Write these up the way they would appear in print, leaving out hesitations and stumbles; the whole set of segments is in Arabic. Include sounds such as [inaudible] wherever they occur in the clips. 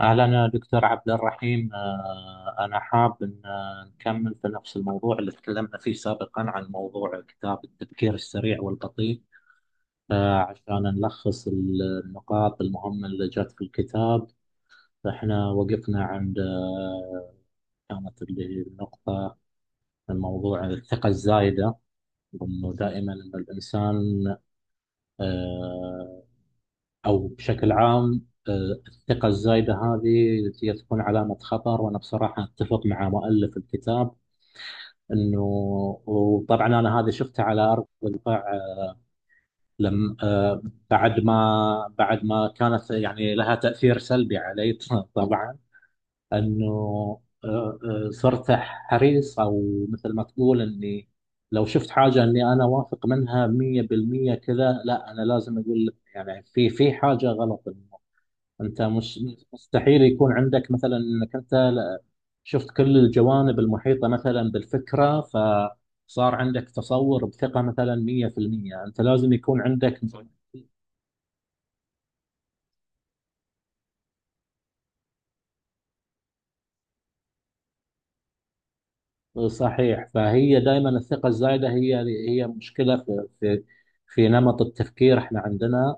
أهلا دكتور عبد الرحيم، أنا حاب أن نكمل في نفس الموضوع اللي تكلمنا فيه سابقا عن موضوع كتاب التفكير السريع والبطيء، عشان نلخص النقاط المهمة اللي جت في الكتاب. فإحنا وقفنا عند كانت اللي هي النقطة، الموضوع الثقة الزايدة، وإنه دائما إن الإنسان آه، أو بشكل عام، الثقة الزايدة هذه هي تكون علامة خطر، وأنا بصراحة أتفق مع مؤلف الكتاب إنه، وطبعا أنا هذا شفته على أرض الواقع، لم بعد ما كانت يعني لها تأثير سلبي علي [laughs] طبعا، إنه آه، صرت حريص، أو مثل ما تقول إني لو شفت حاجة إني أنا واثق منها 100% كذا، لا، أنا لازم أقول يعني في حاجة غلط. انت مش مستحيل يكون عندك مثلا انك انت شفت كل الجوانب المحيطه مثلا بالفكره، فصار عندك تصور بثقه مثلا 100%، انت لازم يكون عندك. صحيح، فهي دائما الثقه الزايده هي هي مشكله في في نمط التفكير احنا عندنا،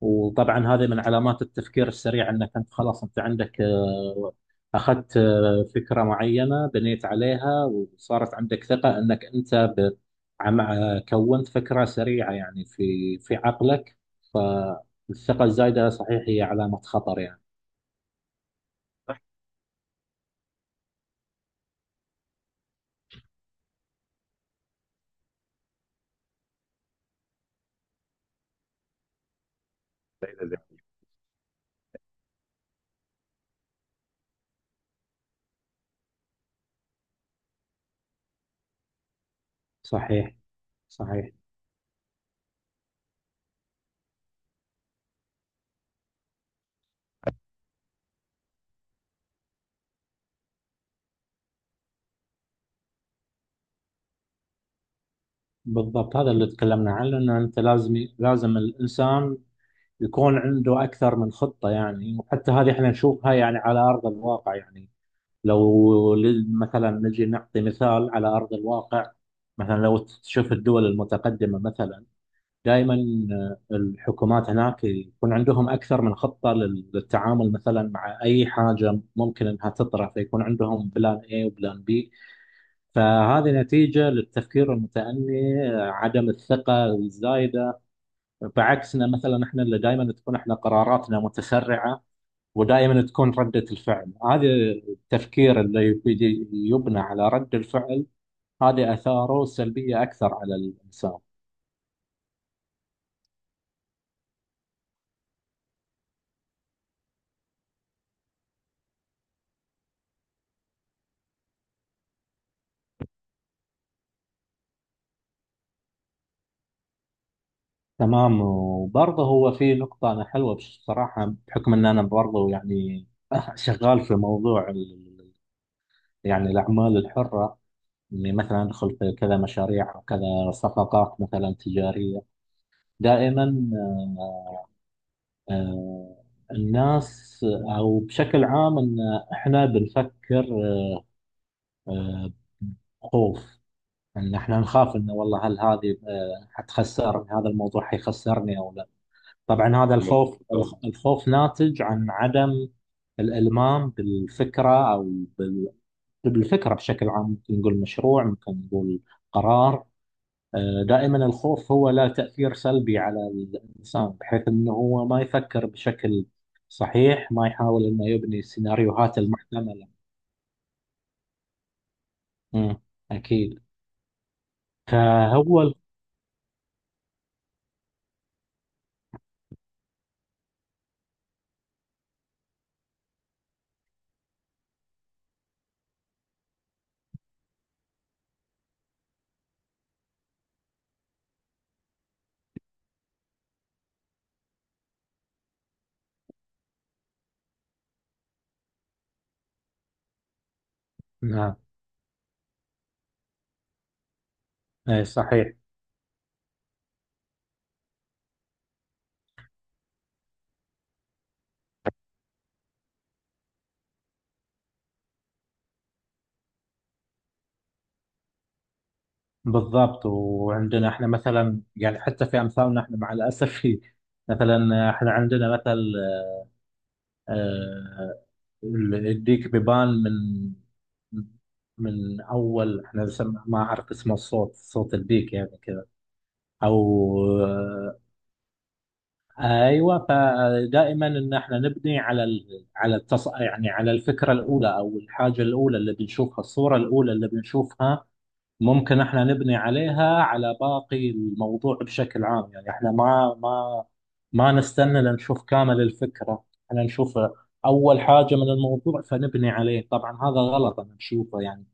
وطبعا هذه من علامات التفكير السريع، انك انت خلاص انت عندك، اخذت فكره معينه بنيت عليها، وصارت عندك ثقه انك انت كونت فكره سريعه يعني في في عقلك. فالثقه الزايده صحيح هي علامه خطر يعني. صحيح، صحيح. بالضبط، هذا اللي تكلمنا عنه، انه انت لازم، لازم الانسان يكون عنده اكثر من خطه يعني، وحتى هذه احنا نشوفها يعني على ارض الواقع يعني. لو مثلا نجي نعطي مثال على أرض الواقع، مثلا لو تشوف الدول المتقدمة مثلا دائما الحكومات هناك يكون عندهم أكثر من خطة للتعامل مثلا مع أي حاجة ممكن أنها تطرح، فيكون عندهم بلان A وبلان B. فهذه نتيجة للتفكير المتأني، عدم الثقة الزايدة، بعكسنا مثلا احنا اللي دائما تكون احنا قراراتنا متسرعة، ودائما تكون ردة الفعل، هذا التفكير اللي يبنى على رد الفعل، هذا آثاره سلبية أكثر على الإنسان. تمام، وبرضه هو في نقطة أنا حلوة بصراحة، بحكم أن أنا برضه يعني [laughs] شغال في موضوع يعني الأعمال الحرة، إني مثلا أدخل في كذا مشاريع أو كذا صفقات مثلا تجارية، دائما آه، الناس أو بشكل عام أن إحنا بنفكر آه، خوف، ان احنا نخاف انه والله هل هذه حتخسرني، هذا الموضوع حيخسرني او لا. طبعا هذا الخوف بالضبط، الخوف ناتج عن عدم الالمام بالفكره، بال- بالفكره بشكل عام، ممكن نقول مشروع، ممكن نقول قرار. دائما الخوف هو له تاثير سلبي على الانسان، بحيث انه هو ما يفكر بشكل صحيح، ما يحاول انه يبني السيناريوهات المحتمله. مم. اكيد، فهو. نعم. اي صحيح. بالضبط، وعندنا احنا مثلا يعني حتى في امثالنا، احنا مع الاسف [laughs] في، مثلا احنا عندنا مثل آه، الديك بيبان من من اول، احنا ما اعرف اسمه الصوت، صوت الديك يعني كذا، او آه، ايوه. فدائما ان احنا نبني على يعني على الفكره الاولى او الحاجه الاولى اللي بنشوفها، الصوره الاولى اللي بنشوفها ممكن احنا نبني عليها على باقي الموضوع بشكل عام. يعني احنا ما ما نستنى لنشوف كامل الفكرة، احنا نشوف اول حاجة من الموضوع فنبني عليه. طبعا هذا غلط، انا بشوفه يعني،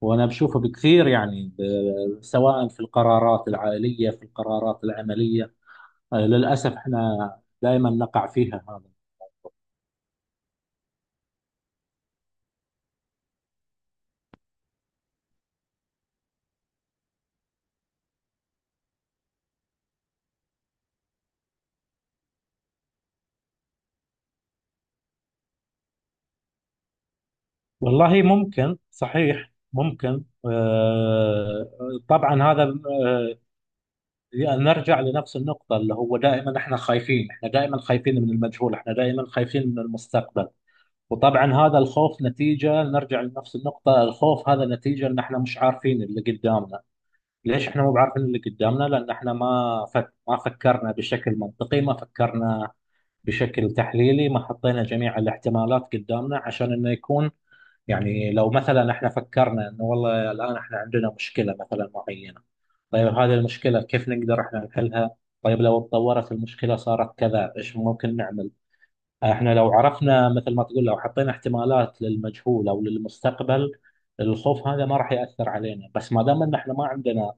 وانا بشوفه بكثير يعني، سواء في القرارات العائلية، في القرارات العملية. للأسف احنا دائما نقع فيها هذا. والله ممكن، صحيح، ممكن طبعا هذا يعني، نرجع لنفس النقطة، اللي هو دائما احنا خايفين، احنا دائما خايفين من المجهول، احنا دائما خايفين من المستقبل. وطبعا هذا الخوف نتيجة، نرجع لنفس النقطة، الخوف هذا نتيجة ان احنا مش عارفين اللي قدامنا. ليش احنا مو بعارفين اللي قدامنا؟ لان احنا ما فكرنا بشكل منطقي، ما فكرنا بشكل تحليلي، ما حطينا جميع الاحتمالات قدامنا عشان انه يكون، يعني لو مثلا احنا فكرنا انه والله الان احنا عندنا مشكله مثلا معينه، طيب هذه المشكله كيف نقدر احنا نحلها؟ طيب لو اتطورت المشكله صارت كذا، ايش ممكن نعمل؟ احنا لو عرفنا مثل ما تقول، لو حطينا احتمالات للمجهول او للمستقبل، الخوف هذا ما راح ياثر علينا. بس ما دام ان احنا ما عندنا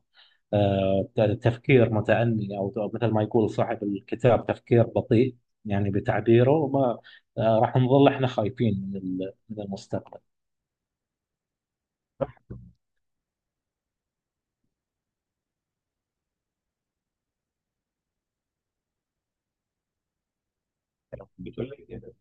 تفكير متأني، او أو مثل ما يقول صاحب الكتاب تفكير بطيء، يعني بتعبيره ما، راح نظل احنا خايفين من المستقبل. بتقول لك كده.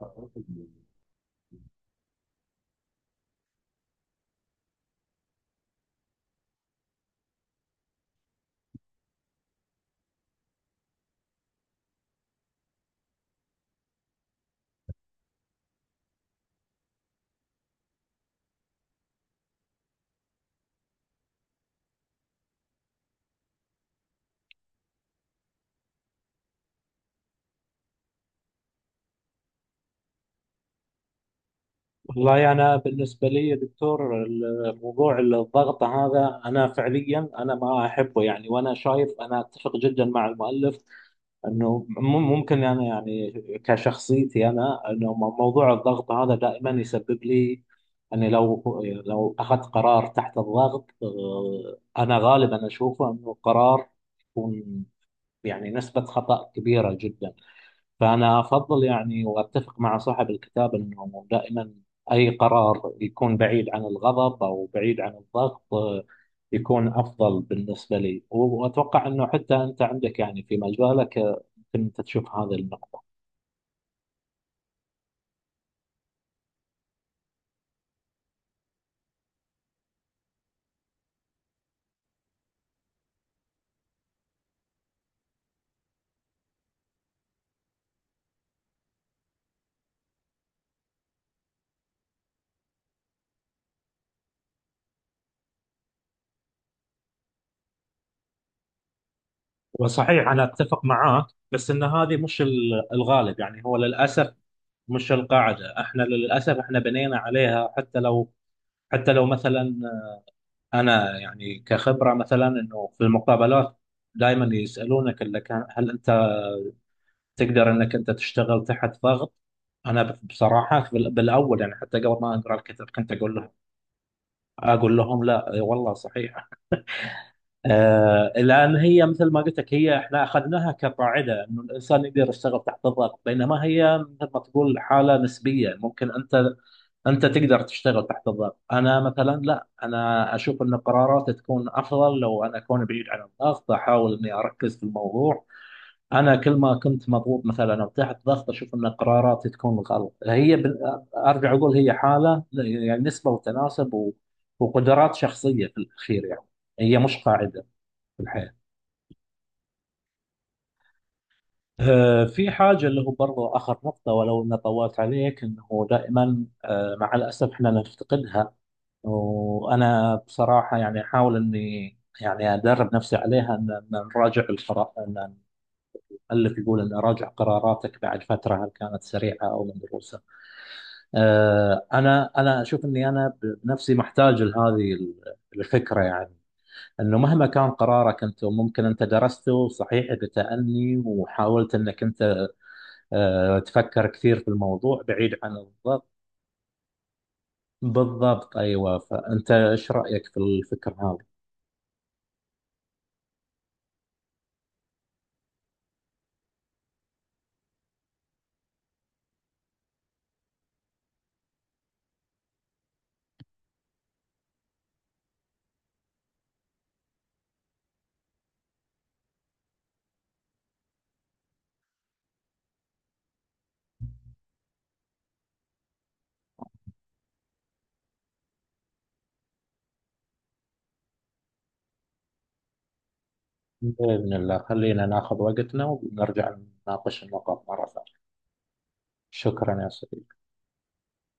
والله أنا بالنسبة لي يا دكتور، الوقوع للضغط هذا أنا فعليا أنا ما أحبه يعني. وأنا شايف، أنا أتفق جدا مع المؤلف أنه ممكن أنا يعني كشخصيتي أنا، أنه موضوع الضغط هذا دائما يسبب لي، أني لو، لو أخذت قرار تحت الضغط، أنا غالبا أشوفه أنه قرار يكون، يعني نسبة خطأ كبيرة جدا. فأنا أفضل يعني، وأتفق مع صاحب الكتاب أنه دائما أي قرار يكون بعيد عن الغضب أو بعيد عن الضغط، يكون أفضل بالنسبة لي. وأتوقع أنه حتى أنت عندك يعني في مجالك، يمكن أنت تشوف هذه النقطة. وصحيح، أنا أتفق معاك، بس أن هذه مش الغالب يعني، هو للأسف مش القاعدة. احنا للأسف احنا بنينا عليها. حتى لو، حتى لو مثلا، انا يعني كخبره مثلا، انه في المقابلات دائما يسالونك اللي كان، هل انت تقدر انك انت تشتغل تحت ضغط؟ انا بصراحه في بالاول، يعني حتى قبل ما اقرا الكتاب، كنت اقول لهم، اقول لهم لا والله صحيح، آه. لان هي مثل ما قلت لك، هي احنا اخذناها كقاعده، انه الانسان يقدر يشتغل تحت الضغط، بينما هي مثل ما تقول حاله نسبيه، ممكن انت انت تقدر تشتغل تحت الضغط، انا مثلا لا، انا اشوف ان قراراتي تكون افضل لو انا اكون بعيد عن الضغط، احاول اني اركز في الموضوع. انا كل ما كنت مضغوط مثلا او تحت ضغط، اشوف ان قراراتي تكون غلط. هي ارجع اقول هي حاله يعني، نسبه وتناسب، وقدرات شخصيه في الاخير يعني، هي مش قاعده في الحياه. في حاجة اللي هو برضو آخر نقطة، ولو أنا طولت عليك، أنه دائما مع الأسف إحنا نفتقدها. وانا بصراحه يعني احاول اني يعني ادرب نفسي عليها، ان إن نراجع القرار، ان المؤلف يقول ان اراجع قراراتك بعد فتره هل كانت سريعه او مدروسه. انا اشوف اني انا بنفسي محتاج لهذه الفكره يعني، انه مهما كان قرارك انت، وممكن انت درسته صحيح بتأني، وحاولت انك انت تفكر كثير في الموضوع بعيد عن الضغط. بالضبط، ايوه. فانت ايش رايك في الفكره؟ بإذن الله، خلينا ناخذ وقتنا ونرجع نناقش النقاط مرة ثانية. شكرا يا صديقي.